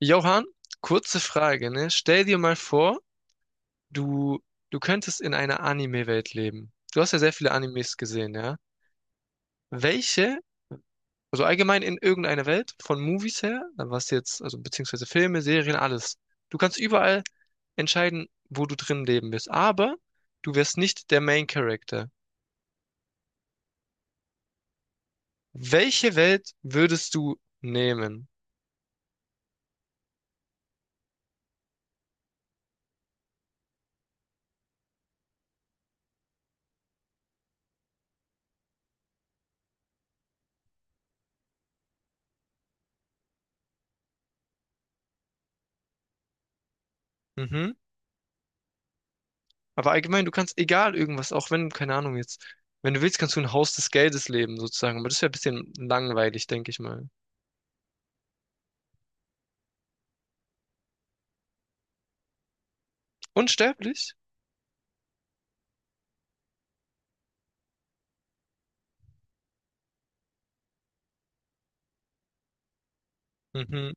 Johann, kurze Frage, ne? Stell dir mal vor, du, du könntest in einer Anime-Welt leben. Du hast ja sehr viele Animes gesehen, ja? Welche, also allgemein in irgendeiner Welt, von Movies her, dann was jetzt, also beziehungsweise Filme, Serien, alles. Du kannst überall entscheiden, wo du drin leben willst, aber du wärst nicht der Main Character. Welche Welt würdest du nehmen? Mhm. Aber allgemein, du kannst egal irgendwas, auch wenn, keine Ahnung jetzt, wenn du willst, kannst du ein Haus des Geldes leben, sozusagen. Aber das wäre ein bisschen langweilig, denke ich mal. Unsterblich? Mhm.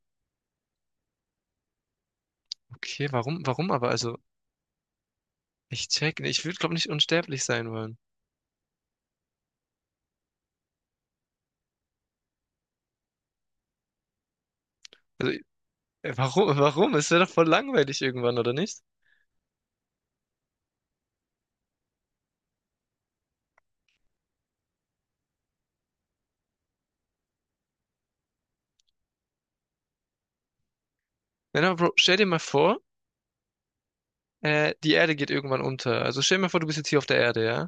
Okay, warum, warum aber? Also, ich check, nee, ich würde, glaube nicht unsterblich sein wollen. Also, warum, warum? Es wäre doch voll langweilig irgendwann, oder nicht? Nein, aber Bro, stell dir mal vor, die Erde geht irgendwann unter. Also stell dir mal vor, du bist jetzt hier auf der Erde, ja?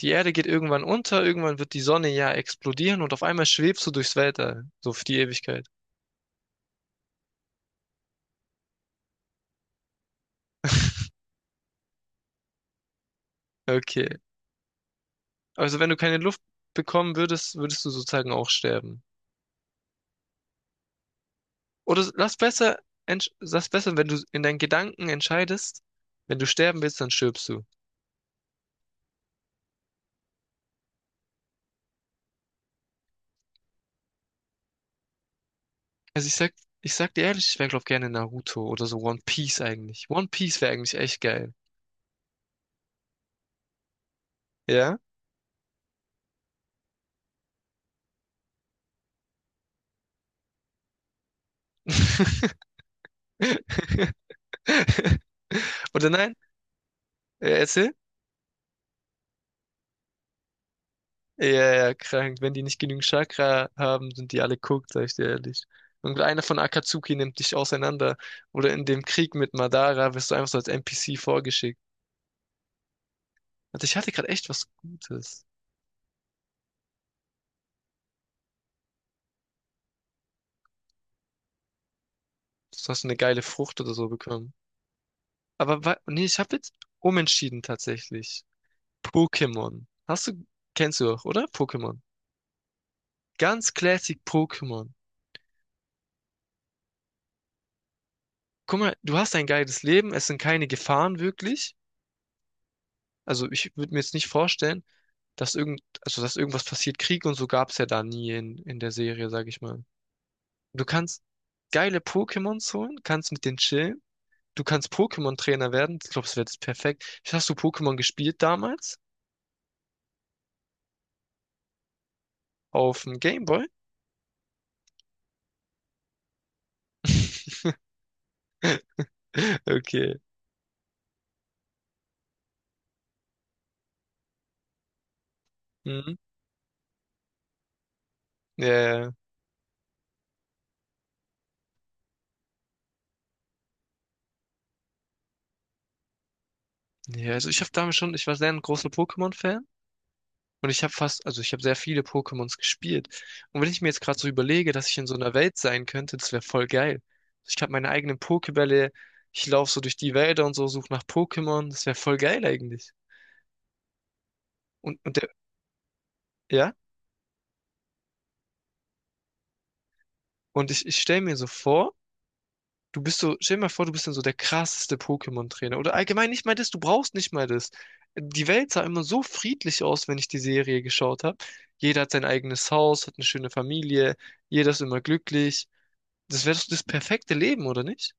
Die Erde geht irgendwann unter, irgendwann wird die Sonne ja explodieren und auf einmal schwebst du durchs Weltall. So für die Ewigkeit. Okay. Also wenn du keine Luft bekommen würdest, würdest du sozusagen auch sterben. Oder lass besser, lass besser, wenn du in deinen Gedanken entscheidest, wenn du sterben willst, dann stirbst du. Also ich sag dir ehrlich, ich wäre glaube gerne Naruto oder so One Piece eigentlich. One Piece wäre eigentlich echt geil. Ja? Oder nein? Erzähl? Ja, ja, ja, krank. Wenn die nicht genügend Chakra haben, sind die alle cooked, sag ich dir ehrlich. Und einer von Akatsuki nimmt dich auseinander. Oder in dem Krieg mit Madara wirst du einfach so als NPC vorgeschickt. Also ich hatte gerade echt was Gutes. Du hast eine geile Frucht oder so bekommen. Aber nee, ich habe jetzt umentschieden tatsächlich. Pokémon. Hast du, kennst du auch, oder? Pokémon. Ganz classic Pokémon. Guck mal, du hast ein geiles Leben, es sind keine Gefahren wirklich. Also ich würde mir jetzt nicht vorstellen, dass irgend, also dass irgendwas passiert. Krieg und so gab's ja da nie in der Serie, sag ich mal. Du kannst geile Pokémons holen, kannst mit denen chillen. Du kannst Pokémon-Trainer werden. Ich glaube, das wäre das perfekt. Hast du Pokémon gespielt damals? Auf dem Gameboy? Okay. Mhm. Ja, ja. Ja, ja, also ich habe damals schon, ich war sehr ein großer Pokémon-Fan. Und ich habe fast, also ich habe sehr viele Pokémons gespielt. Und wenn ich mir jetzt gerade so überlege, dass ich in so einer Welt sein könnte, das wäre voll geil. Ich habe meine eigenen Pokébälle, ich laufe so durch die Wälder und so, suche nach Pokémon, das wäre voll geil eigentlich. Und der, ja, und ich stell mir so vor, du bist so, stell dir mal vor, du bist dann so der krasseste Pokémon-Trainer. Oder allgemein nicht mal das, du brauchst nicht mal das. Die Welt sah immer so friedlich aus, wenn ich die Serie geschaut habe. Jeder hat sein eigenes Haus, hat eine schöne Familie, jeder ist immer glücklich. Das wäre doch das perfekte Leben, oder nicht?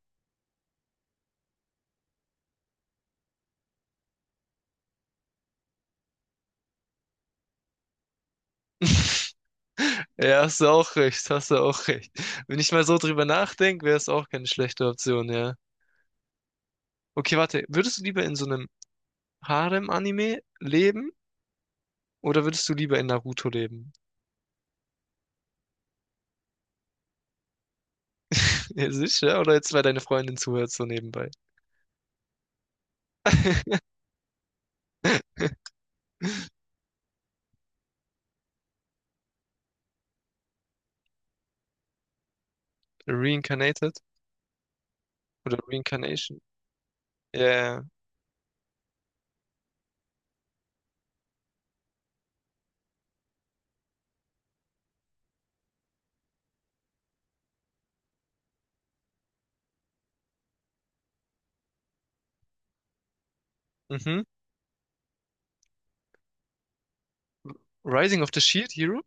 Ja, hast du auch recht, hast du auch recht. Wenn ich mal so drüber nachdenke, wäre es auch keine schlechte Option, ja. Okay, warte, würdest du lieber in so einem Harem-Anime leben oder würdest du lieber in Naruto leben? Ja, sicher, ja, oder jetzt, weil deine Freundin zuhört, so nebenbei. Reincarnated oder Reincarnation. Ja, ja, ja. Mhm. Rising of the Shield Hero?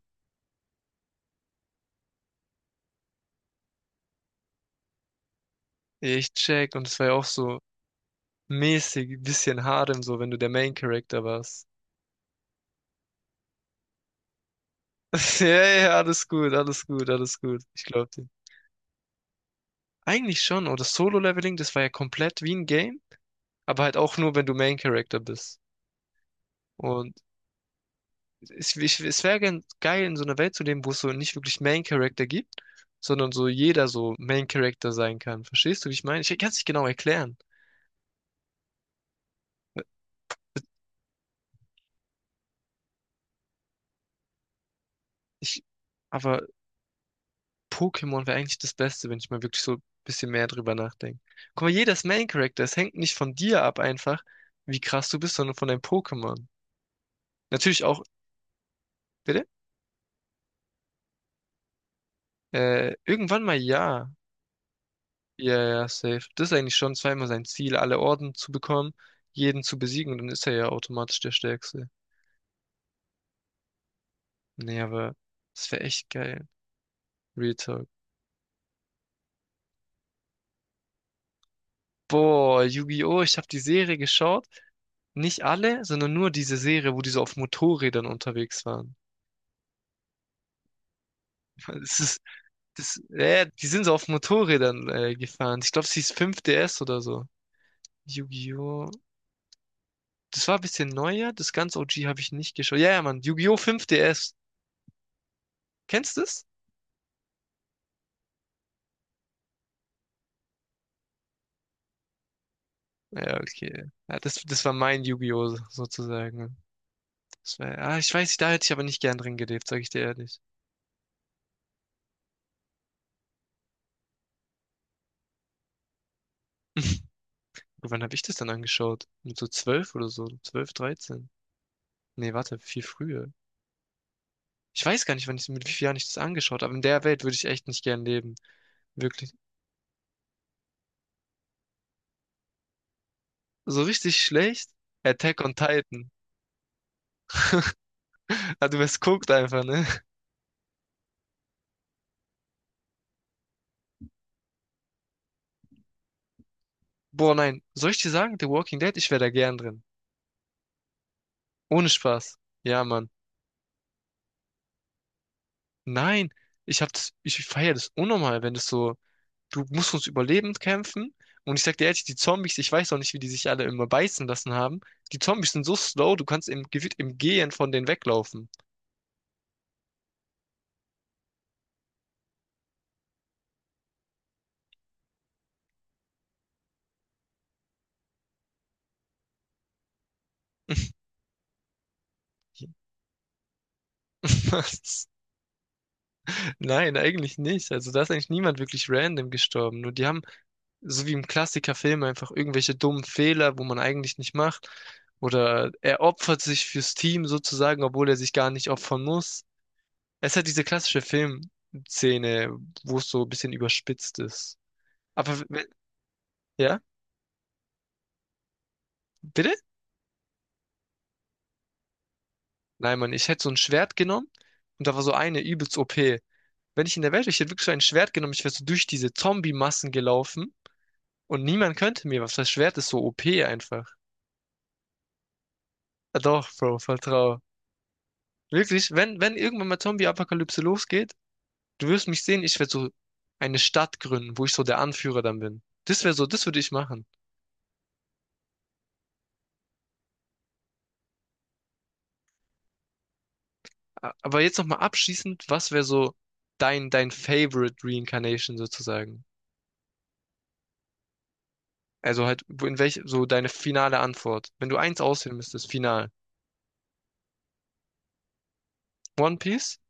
Ja, ich check, und es war ja auch so mäßig, bisschen Harem, so wenn du der Main Character warst. Ja, ja, alles gut, alles gut, alles gut. Ich glaube dir. Eigentlich schon, oder Solo-Leveling, das war ja komplett wie ein Game, aber halt auch nur, wenn du Main-Character bist. Und es, es wäre geil, in so einer Welt zu leben, wo es so nicht wirklich Main-Character gibt, sondern so jeder so Main-Character sein kann. Verstehst du, wie ich meine? Ich kann es nicht genau erklären. Ich, aber Pokémon wäre eigentlich das Beste, wenn ich mal wirklich so ein bisschen mehr drüber nachdenke. Guck mal, jeder ist Main-Character. Es hängt nicht von dir ab einfach, wie krass du bist, sondern von deinem Pokémon. Natürlich auch, bitte? Irgendwann mal ja. Ja, ja, safe. Das ist eigentlich schon zweimal sein Ziel, alle Orden zu bekommen, jeden zu besiegen und dann ist er ja automatisch der Stärkste. Nee, aber das wäre echt geil. Real Talk. Boah, Yu-Gi-Oh! Ich habe die Serie geschaut. Nicht alle, sondern nur diese Serie, wo die so auf Motorrädern unterwegs waren. Das ist, das, die sind so auf Motorrädern gefahren. Ich glaube, es hieß 5DS oder so. Yu-Gi-Oh! Das war ein bisschen neuer. Das ganz OG habe ich nicht geschaut. Ja, ja, Mann. Yu-Gi-Oh! 5DS. Kennst du das? Ja, okay. Ja, das war mein Yu-Gi-Oh! sozusagen, ne? Das war, ah, ich weiß nicht, da hätte ich aber nicht gern drin gelebt, sag ich dir ehrlich. Und wann habe ich das dann angeschaut? Mit so 12 oder so, 12, 13. Nee, warte, viel früher. Ich weiß gar nicht, wann ich, mit wie vielen Jahren ich das angeschaut habe. In der Welt würde ich echt nicht gern leben. Wirklich. So richtig schlecht? Attack on Titan. Ah, du wärst guckt einfach, ne? Boah, nein. Soll ich dir sagen, The Walking Dead, ich wäre da gern drin. Ohne Spaß. Ja, Mann. Nein. Ich hab das, ich feiere das unnormal, wenn das so. Du musst ums Überleben kämpfen. Und ich sag dir ehrlich, die Zombies, ich weiß auch nicht, wie die sich alle immer beißen lassen haben. Die Zombies sind so slow, du kannst im, gefühlt im Gehen von denen weglaufen. Was? Nein, eigentlich nicht. Also da ist eigentlich niemand wirklich random gestorben. Nur die haben, so wie im Klassikerfilm, einfach irgendwelche dummen Fehler, wo man eigentlich nicht macht. Oder er opfert sich fürs Team sozusagen, obwohl er sich gar nicht opfern muss. Es hat diese klassische Filmszene, wo es so ein bisschen überspitzt ist. Aber, ja, bitte? Nein, Mann, ich hätte so ein Schwert genommen und da war so eine übelst OP. Wenn ich in der Welt wäre, ich hätte wirklich so ein Schwert genommen, ich wäre so durch diese Zombie-Massen gelaufen und niemand könnte mir was. Das Schwert ist so OP einfach. Ah, doch, Bro, vertrau. Wirklich, wenn irgendwann mal Zombie-Apokalypse losgeht, du wirst mich sehen, ich werde so eine Stadt gründen, wo ich so der Anführer dann bin. Das wäre so, das würde ich machen. Aber jetzt nochmal abschließend, was wäre so dein, dein Favorite Reincarnation sozusagen? Also halt, in welch, so deine finale Antwort. Wenn du eins auswählen müsstest, final. One Piece,